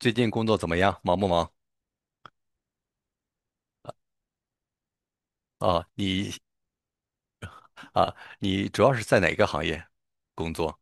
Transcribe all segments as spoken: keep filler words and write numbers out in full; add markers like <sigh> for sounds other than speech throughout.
最近工作怎么样？忙不忙？啊，你啊，你主要是在哪个行业工作？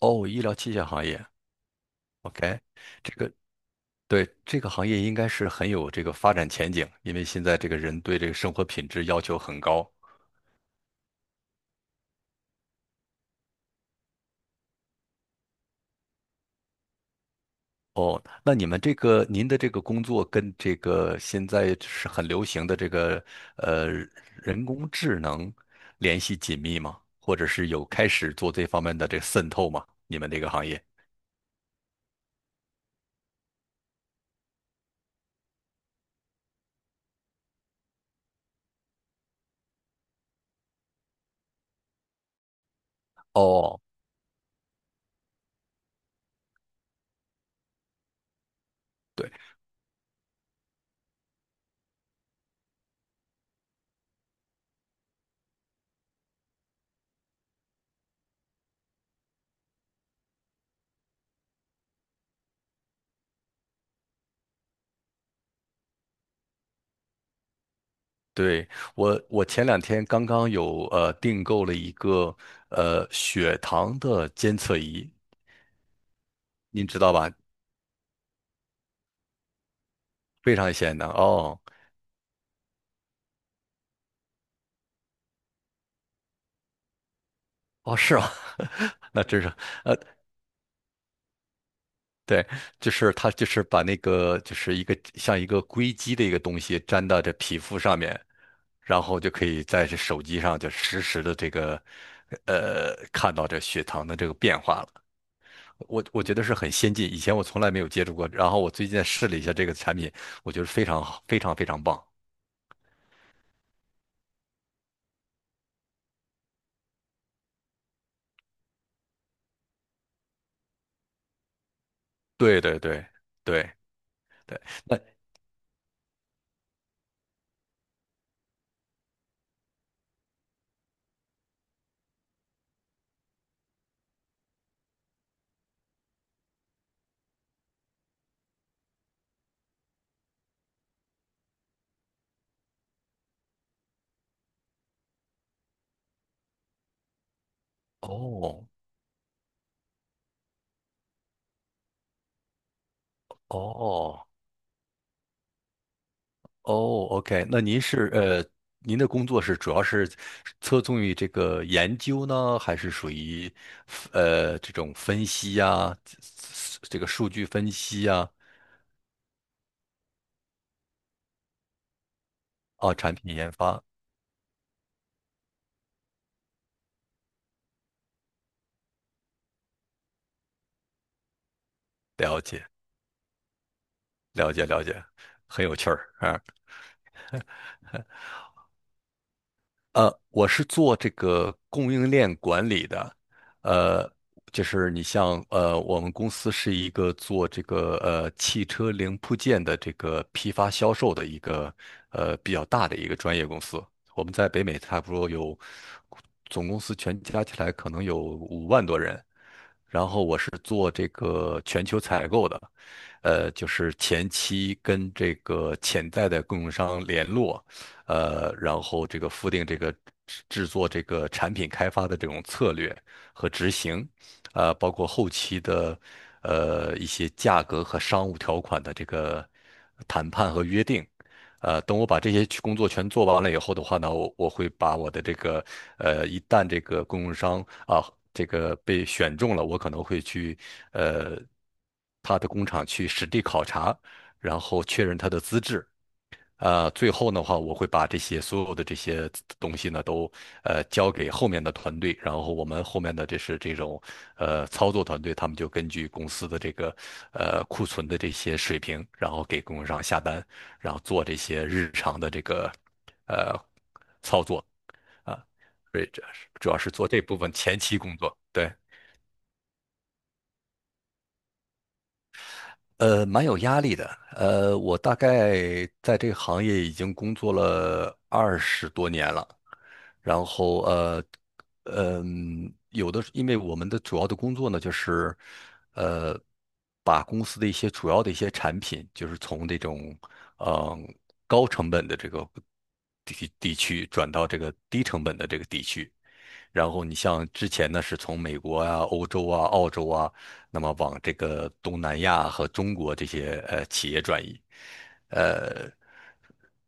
哦，医疗器械行业。OK，这个对这个行业应该是很有这个发展前景，因为现在这个人对这个生活品质要求很高。那你们这个您的这个工作跟这个现在是很流行的这个呃人工智能联系紧密吗？或者是有开始做这方面的这个渗透吗？你们这个行业？哦。对。对，我，我前两天刚刚有呃订购了一个呃血糖的监测仪，您知道吧？非常显能哦哦是吗？<laughs> 那真是呃对，就是它就是把那个就是一个像一个硅基的一个东西粘到这皮肤上面，然后就可以在这手机上就实时的这个呃看到这血糖的这个变化了。我我觉得是很先进，以前我从来没有接触过。然后我最近试了一下这个产品，我觉得非常好，非常非常棒。对对对对对，那哦哦哦，OK，那您是呃，您的工作是主要是侧重于这个研究呢，还是属于呃这种分析呀、这个数据分析呀、啊，哦产品研发？了解了解了解，很有趣儿啊。呃，我是做这个供应链管理的，呃，就是你像呃，我们公司是一个做这个呃汽车零部件的这个批发销售的一个呃比较大的一个专业公司。我们在北美差不多有总公司全加起来可能有五万多人，然后我是做这个全球采购的，呃，就是前期跟这个潜在的供应商联络，呃，然后这个复定这个制制作这个产品开发的这种策略和执行，呃，包括后期的呃一些价格和商务条款的这个谈判和约定。呃，等我把这些去工作全做完了以后的话呢，我我会把我的这个呃，一旦这个供应商啊，这个被选中了，我可能会去呃他的工厂去实地考察，然后确认他的资质，呃，最后的话，我会把这些所有的这些东西呢，都呃交给后面的团队，然后我们后面的这是这种呃操作团队，他们就根据公司的这个呃库存的这些水平，然后给供应商下单，然后做这些日常的这个呃操作啊，所以这是主要是做这部分前期工作，对。呃，蛮有压力的。呃，我大概在这个行业已经工作了二十多年了。然后呃，嗯，有的，因为我们的主要的工作呢，就是呃，把公司的一些主要的一些产品，就是从这种嗯高成本的这个地地区转到这个低成本的这个地区。然后你像之前呢，是从美国啊、欧洲啊、澳洲啊，那么往这个东南亚和中国这些呃企业转移，呃，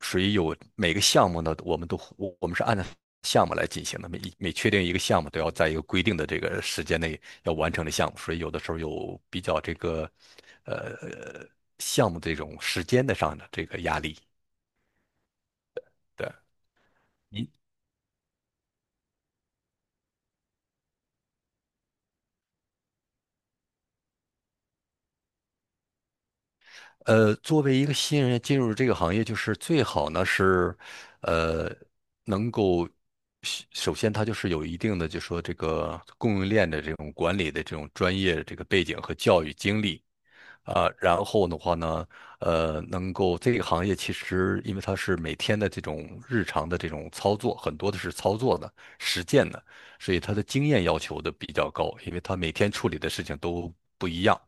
所以有每个项目呢，我们都我我们是按照项目来进行的，每每确定一个项目都要在一个规定的这个时间内要完成的项目，所以有的时候有比较这个呃项目这种时间的上的这个压力。对。您呃，作为一个新人进入这个行业，就是最好呢是，呃，能够首首先他就是有一定的，就说这个供应链的这种管理的这种专业这个背景和教育经历。啊，然后的话呢，呃，能够这个行业其实因为它是每天的这种日常的这种操作，很多的是操作的、实践的，所以他的经验要求的比较高，因为他每天处理的事情都不一样。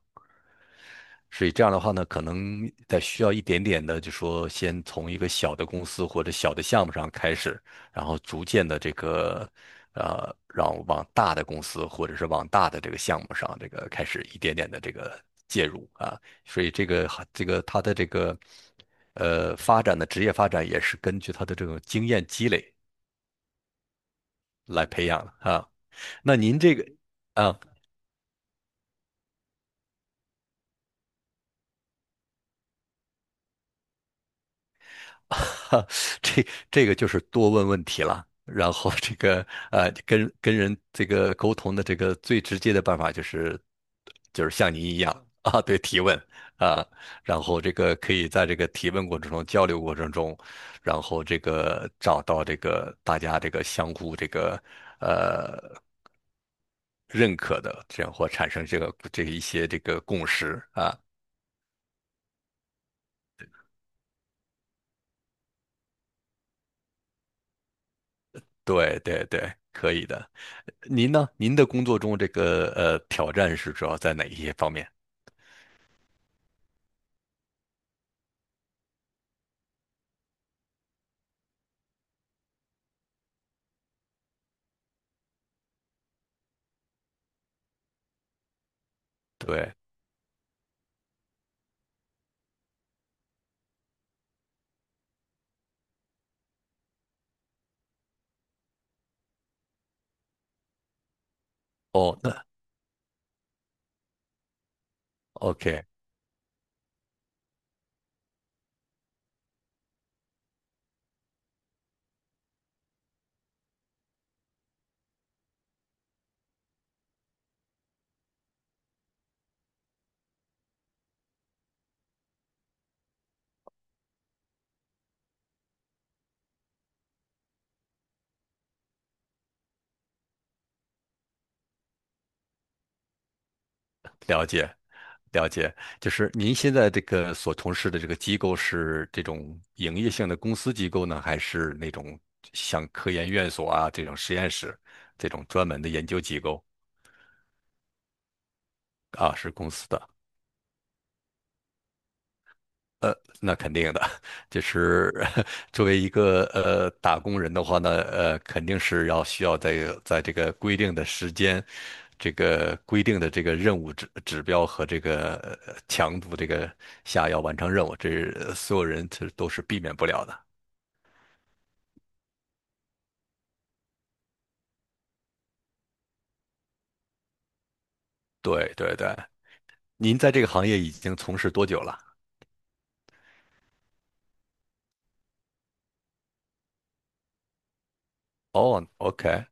所以这样的话呢，可能在需要一点点的，就说先从一个小的公司或者小的项目上开始，然后逐渐的这个，呃，让往大的公司或者是往大的这个项目上，这个开始一点点的这个介入啊。所以这个这个他的这个，呃，发展的职业发展也是根据他的这种经验积累来培养的啊。那您这个。啊。<laughs> 这这个就是多问问题了。然后这个呃，跟跟人这个沟通的这个最直接的办法就是就是像您一样啊，对，提问啊，然后这个可以在这个提问过程中、交流过程中，然后这个找到这个大家这个相互这个呃认可的这样或产生这个这一些这个共识啊。对对对，可以的。您呢？您的工作中这个呃挑战是主要在哪一些方面？对，哦，那 OK，了解，了解。就是您现在这个所从事的这个机构是这种营业性的公司机构呢，还是那种像科研院所啊这种实验室这种专门的研究机构啊？是公司的。呃，那肯定的，<laughs> 就是 <laughs> 作为一个呃打工人的话呢，呃，肯定是要需要在在这个规定的时间，这个规定的这个任务指指标和这个呃强度这个下要完成任务，这是呃所有人这都是避免不了的。对对对，您在这个行业已经从事多久了？哦，OK，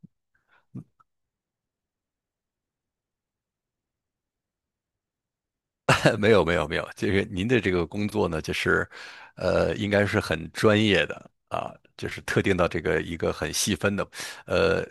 <laughs> 没有没有没有，这个您的这个工作呢，就是，呃，应该是很专业的啊，就是特定到这个一个很细分的，呃，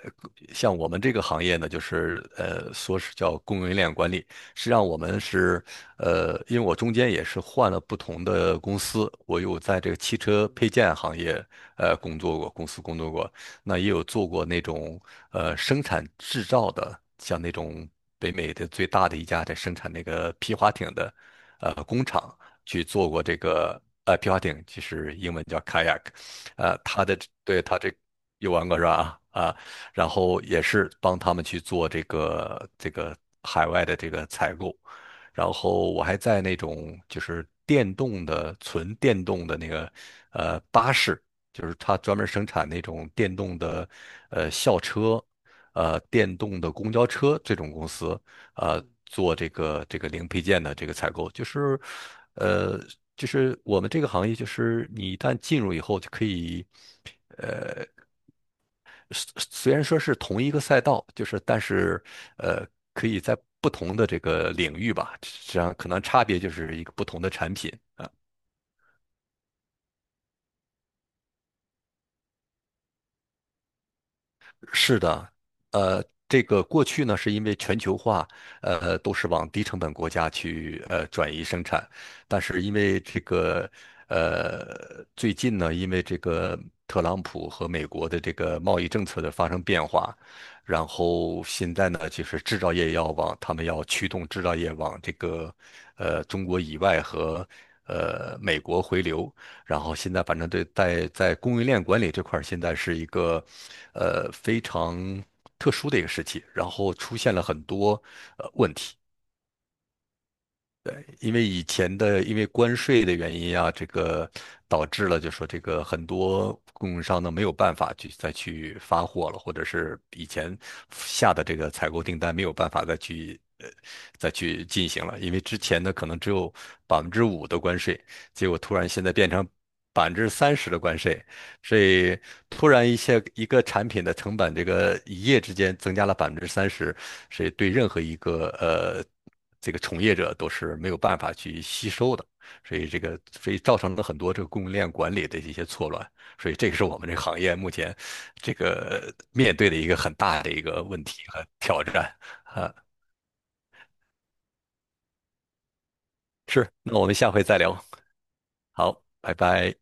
像我们这个行业呢，就是呃，说是叫供应链管理，实际上我们是，呃，因为我中间也是换了不同的公司，我有在这个汽车配件行业呃工作过，公司工作过，那也有做过那种呃生产制造的，像那种北美的最大的一家在生产那个皮划艇的呃工厂去做过这个呃皮划艇，其实英文叫 kayak，呃，它的对他这有玩过是吧？啊，然后也是帮他们去做这个这个海外的这个采购。然后我还在那种就是电动的纯电动的那个呃巴士就是它专门生产那种电动的呃校车，呃电动的公交车这种公司，呃做这个这个零配件的这个采购，就是呃就是我们这个行业，就是你一旦进入以后就可以，虽虽然说是同一个赛道，就是但是呃可以在不同的这个领域吧，实际上可能差别就是一个不同的产品。是的，呃，这个过去呢，是因为全球化，呃，都是往低成本国家去呃转移生产，但是因为这个呃最近呢，因为这个特朗普和美国的这个贸易政策的发生变化，然后现在呢，就是制造业要往他们要驱动制造业往这个呃中国以外和呃美国回流，然后现在反正对在在供应链管理这块儿，现在是一个呃非常特殊的一个时期，然后出现了很多呃问题，因为以前的因为关税的原因啊，这个导致了就说这个很多供应商呢没有办法去再去发货了，或者是以前下的这个采购订单没有办法再去。呃，再去进行了，因为之前呢可能只有百分之五的关税，结果突然现在变成百分之三十的关税，所以突然一些一个产品的成本，这个一夜之间增加了百分之三十，所以对任何一个呃这个从业者都是没有办法去吸收的，所以这个所以造成了很多这个供应链管理的一些错乱，所以这个是我们这个行业目前这个面对的一个很大的一个问题和挑战。是，那我们下回再聊，好，拜拜。